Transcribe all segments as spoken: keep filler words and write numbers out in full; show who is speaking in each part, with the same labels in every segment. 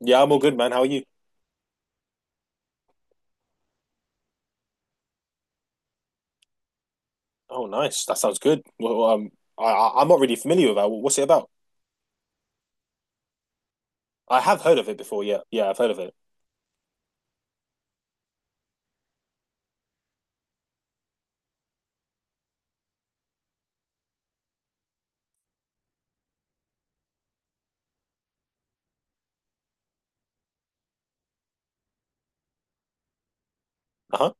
Speaker 1: Yeah, I'm all good, man. How are you? Oh, nice. That sounds good. Well, um, I, I- I'm not really familiar with that. What's it about? I have heard of it before. Yeah, yeah, I've heard of it. Uh-huh.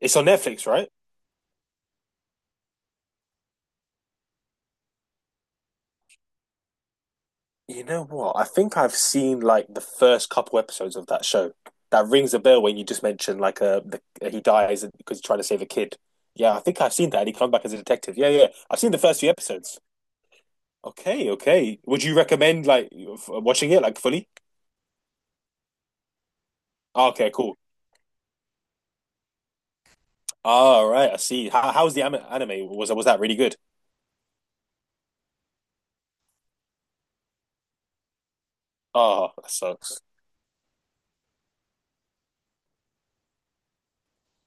Speaker 1: It's on Netflix, right? You know what? I think I've seen like the first couple episodes of that show. That rings a bell when you just mentioned like uh, the, uh, he dies because he's trying to save a kid. Yeah, I think I've seen that. And he comes back as a detective. Yeah, yeah. I've seen the first few episodes. Okay, okay. Would you recommend like f- watching it like fully? Ah, okay, cool. All right, I see. How, how's the anime? Was was that really good? Oh, that sucks.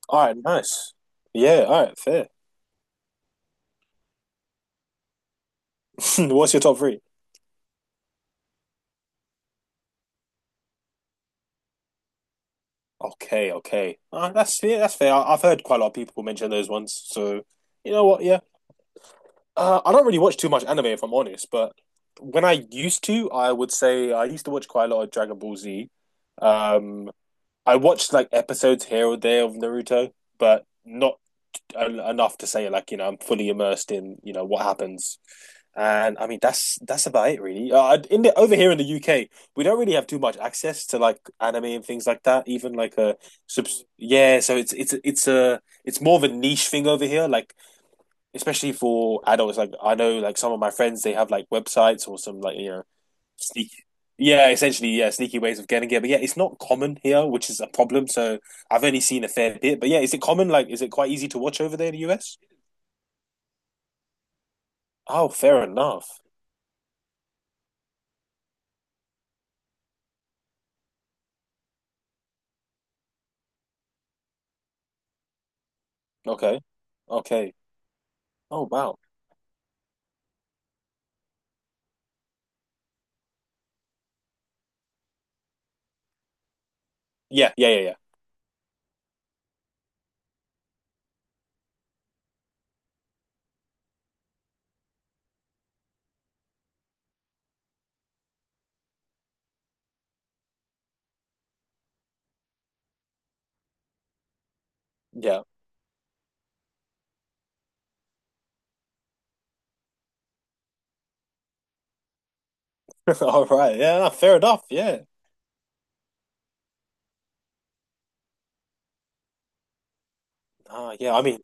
Speaker 1: All right, nice. Yeah, all right, fair. What's your top three? Okay, okay. Uh, that's fair. That's fair. I, I've heard quite a lot of people mention those ones. So, you know what? Yeah. Uh, I don't really watch too much anime, if I'm honest. But when I used to, I would say I used to watch quite a lot of Dragon Ball Z. Um, I watched like episodes here or there of Naruto, but not enough to say like you know I'm fully immersed in you know what happens. And I mean that's that's about it really. Uh, in the Over here in the U K, we don't really have too much access to like anime and things like that. Even like a subs- yeah, so it's it's it's a it's more of a niche thing over here. Like especially for adults. Like I know, like some of my friends, they have like websites or some like you know, sneak. Yeah, essentially, yeah, sneaky ways of getting it. But yeah, it's not common here, which is a problem. So I've only seen a fair bit. But yeah, is it common? Like, is it quite easy to watch over there in the U S? Oh, fair enough. Okay, okay. Oh wow. Yeah, yeah, yeah, yeah, yeah. All right. Yeah, no, fair enough. Yeah. Ah, yeah. I mean,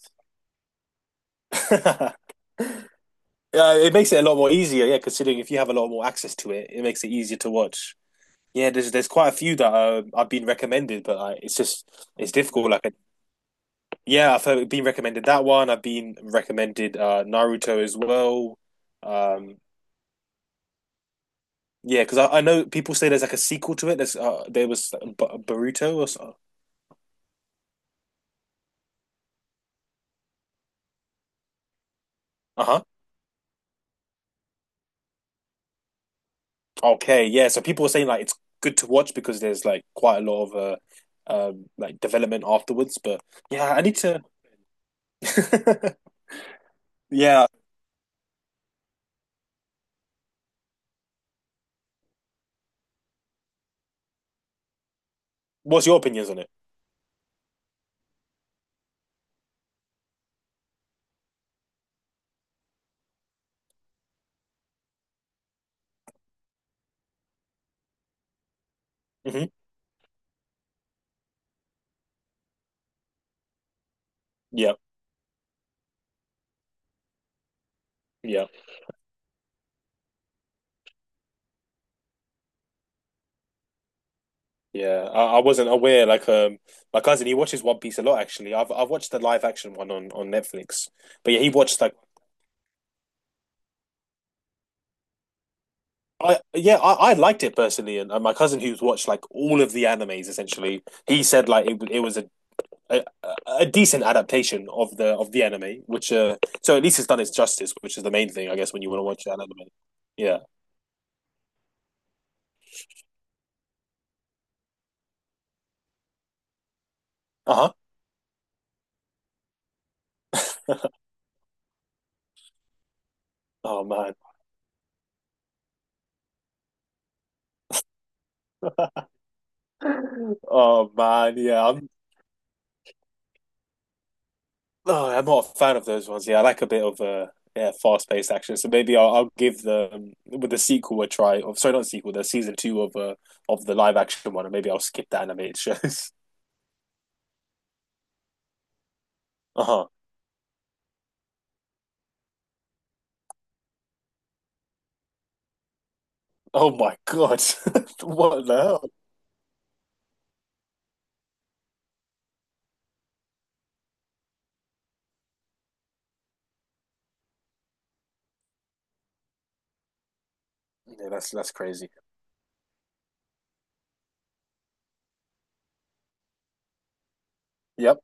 Speaker 1: yeah, it makes it a lot more easier. Yeah, considering if you have a lot more access to it, it makes it easier to watch. Yeah, there's there's quite a few that uh, I've been recommended, but like, it's just it's difficult. Like, yeah, I've heard, been recommended that one. I've been recommended uh, Naruto as well. Um, yeah, because I, I know people say there's like a sequel to it. There's uh, there was uh, B Boruto or so. Uh-huh. Okay, yeah. So people are saying like it's good to watch because there's like quite a lot of uh, um, like development afterwards. But yeah, I need to. Yeah, what's your opinions on it? Hmm. Yeah, yeah. Yeah, I, I wasn't aware. Like, um, my cousin he watches One Piece a lot. Actually, I've I've watched the live action one on on Netflix. But yeah, he watched like I yeah I, I liked it personally, and, and my cousin who's watched like all of the animes essentially, he said like it it was a a, a decent adaptation of the of the anime, which uh so at least it's done its justice, which is the main thing I guess when you want to watch an anime. Yeah. Uh huh. Oh man. Oh man. Yeah. No, I'm not a fan of those ones. Yeah, I like a bit of uh, yeah, fast-paced action. So maybe I'll, I'll give the um, with the sequel a try. Or sorry, not sequel, the season two of uh, of the live action one, and maybe I'll skip the animated shows. Uh-huh. Oh my God, what the hell? Yeah, that's that's crazy. Yep.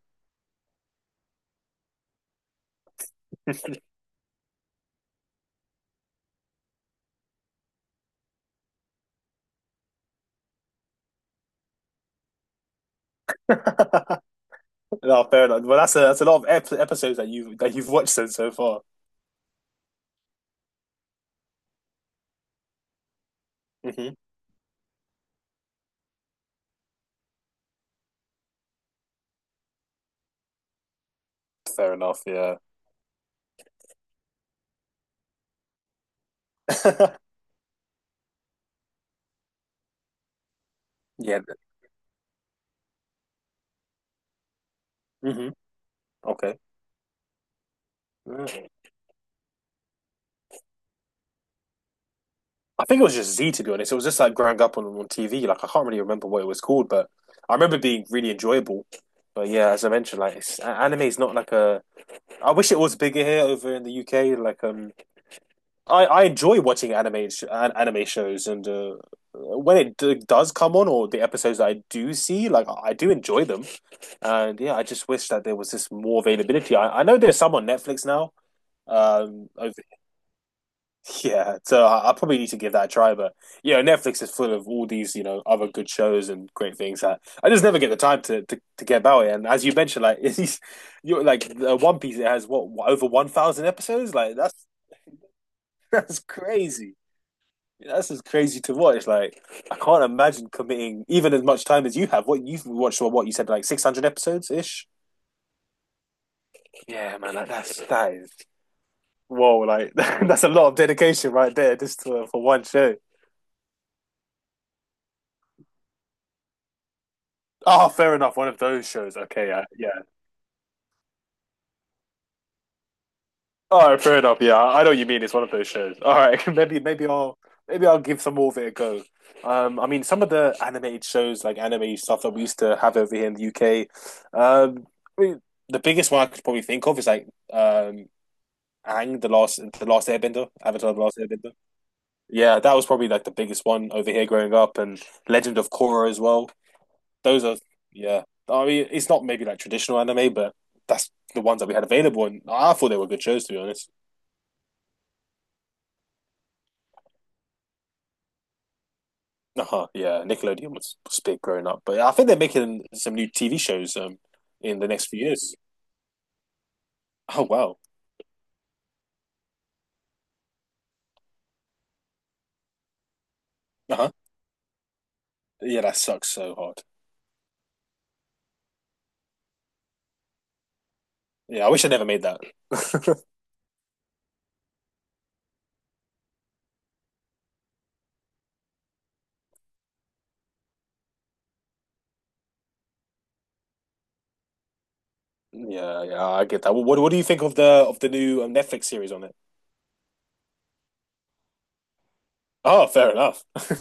Speaker 1: No, fair enough. Well, that's a that's a lot of ep episodes that you that you've watched so so far. Hmm. Fair enough. Yeah. Yeah. Hmm. Okay. I think it was just Z to be honest. It was just like growing up on, on T V. Like I can't really remember what it was called, but I remember it being really enjoyable. But yeah, as I mentioned, like it's, anime is not like a. I wish it was bigger here over in the U K. Like um, I, I enjoy watching anime sh- anime shows, and uh, when it d- does come on or the episodes that I do see, like I I do enjoy them. And yeah, I just wish that there was just more availability. I, I know there's some on Netflix now. Um, over. Yeah, so I, I probably need to give that a try. But yeah, Netflix is full of all these, you know, other good shows and great things that I just never get the time to to, to get about it. And as you mentioned, like it's, you're like uh, One Piece, it has what over one thousand episodes. Like that's that's crazy. That's just crazy to watch. Like I can't imagine committing even as much time as you have. What you've watched, or what you said, like six hundred episodes ish. Yeah, man, like, that's that is whoa. Like that's a lot of dedication right there, just to, for one show. Oh, fair enough. One of those shows. Okay, yeah, yeah. All right, fair enough. Yeah, I know what you mean. It's one of those shows. All right, maybe maybe I'll maybe I'll give some more of it a go. Um, I mean, some of the animated shows, like anime stuff that we used to have over here in the U K. Um, I mean, the biggest one I could probably think of is like um, Aang, the last the last Airbender, Avatar, the last Airbender. Yeah, that was probably like the biggest one over here growing up, and Legend of Korra as well. Those are yeah. I mean, it's not maybe like traditional anime, but that's the ones that we had available, and I thought they were good shows to be honest. Uh-huh, yeah, Nickelodeon was, was big growing up, but I think they're making some new T V shows um in the next few years. Oh wow, uh-huh. Yeah, that sucks so hard. Yeah, I wish I never made that. Yeah, yeah, I get that. What what do you think of the of the new um, Netflix series on it? Oh, fair enough.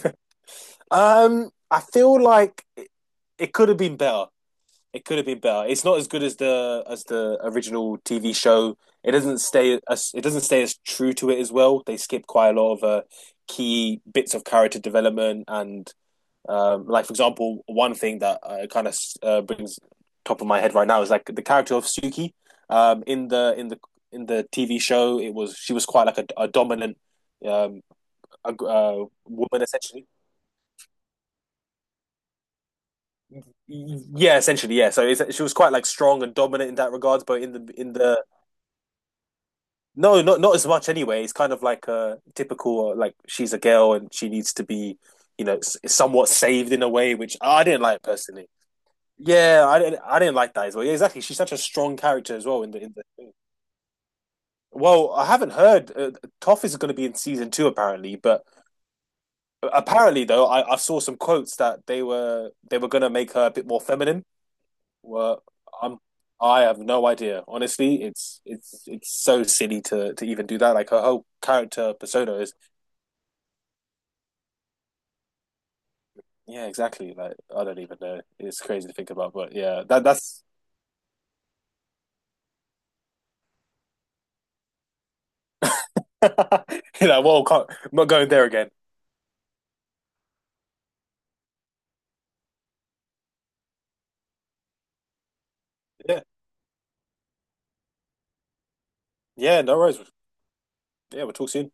Speaker 1: Um, I feel like it, it could have been better. It could have been better. It's not as good as the as the original T V show. It doesn't stay as it doesn't stay as true to it as well. They skip quite a lot of uh, key bits of character development and um, like for example, one thing that uh, kind of uh, brings top of my head right now is like the character of Suki um, in the in the in the T V show. It was she was quite like a, a dominant um, a, uh, woman essentially. Yeah, essentially, yeah. So it's, she was quite like strong and dominant in that regards, but in the in the No, not not as much anyway. It's kind of like a typical uh, like she's a girl and she needs to be, you know, s- somewhat saved in a way, which I didn't like personally. Yeah, I didn't I didn't like that as well. Yeah, exactly. She's such a strong character as well in the in the. Well, I haven't heard. Uh, Toph is going to be in season two apparently, but apparently though, I, I saw some quotes that they were they were going to make her a bit more feminine. Well, I'm I have no idea. Honestly, it's it's it's so silly to to even do that. Like her whole character persona is Yeah, exactly. Like I don't even know. It's crazy to think about, but yeah, that that's you know, well, can't, I'm not going there again. Yeah, yeah, no worries. Yeah, we'll talk soon.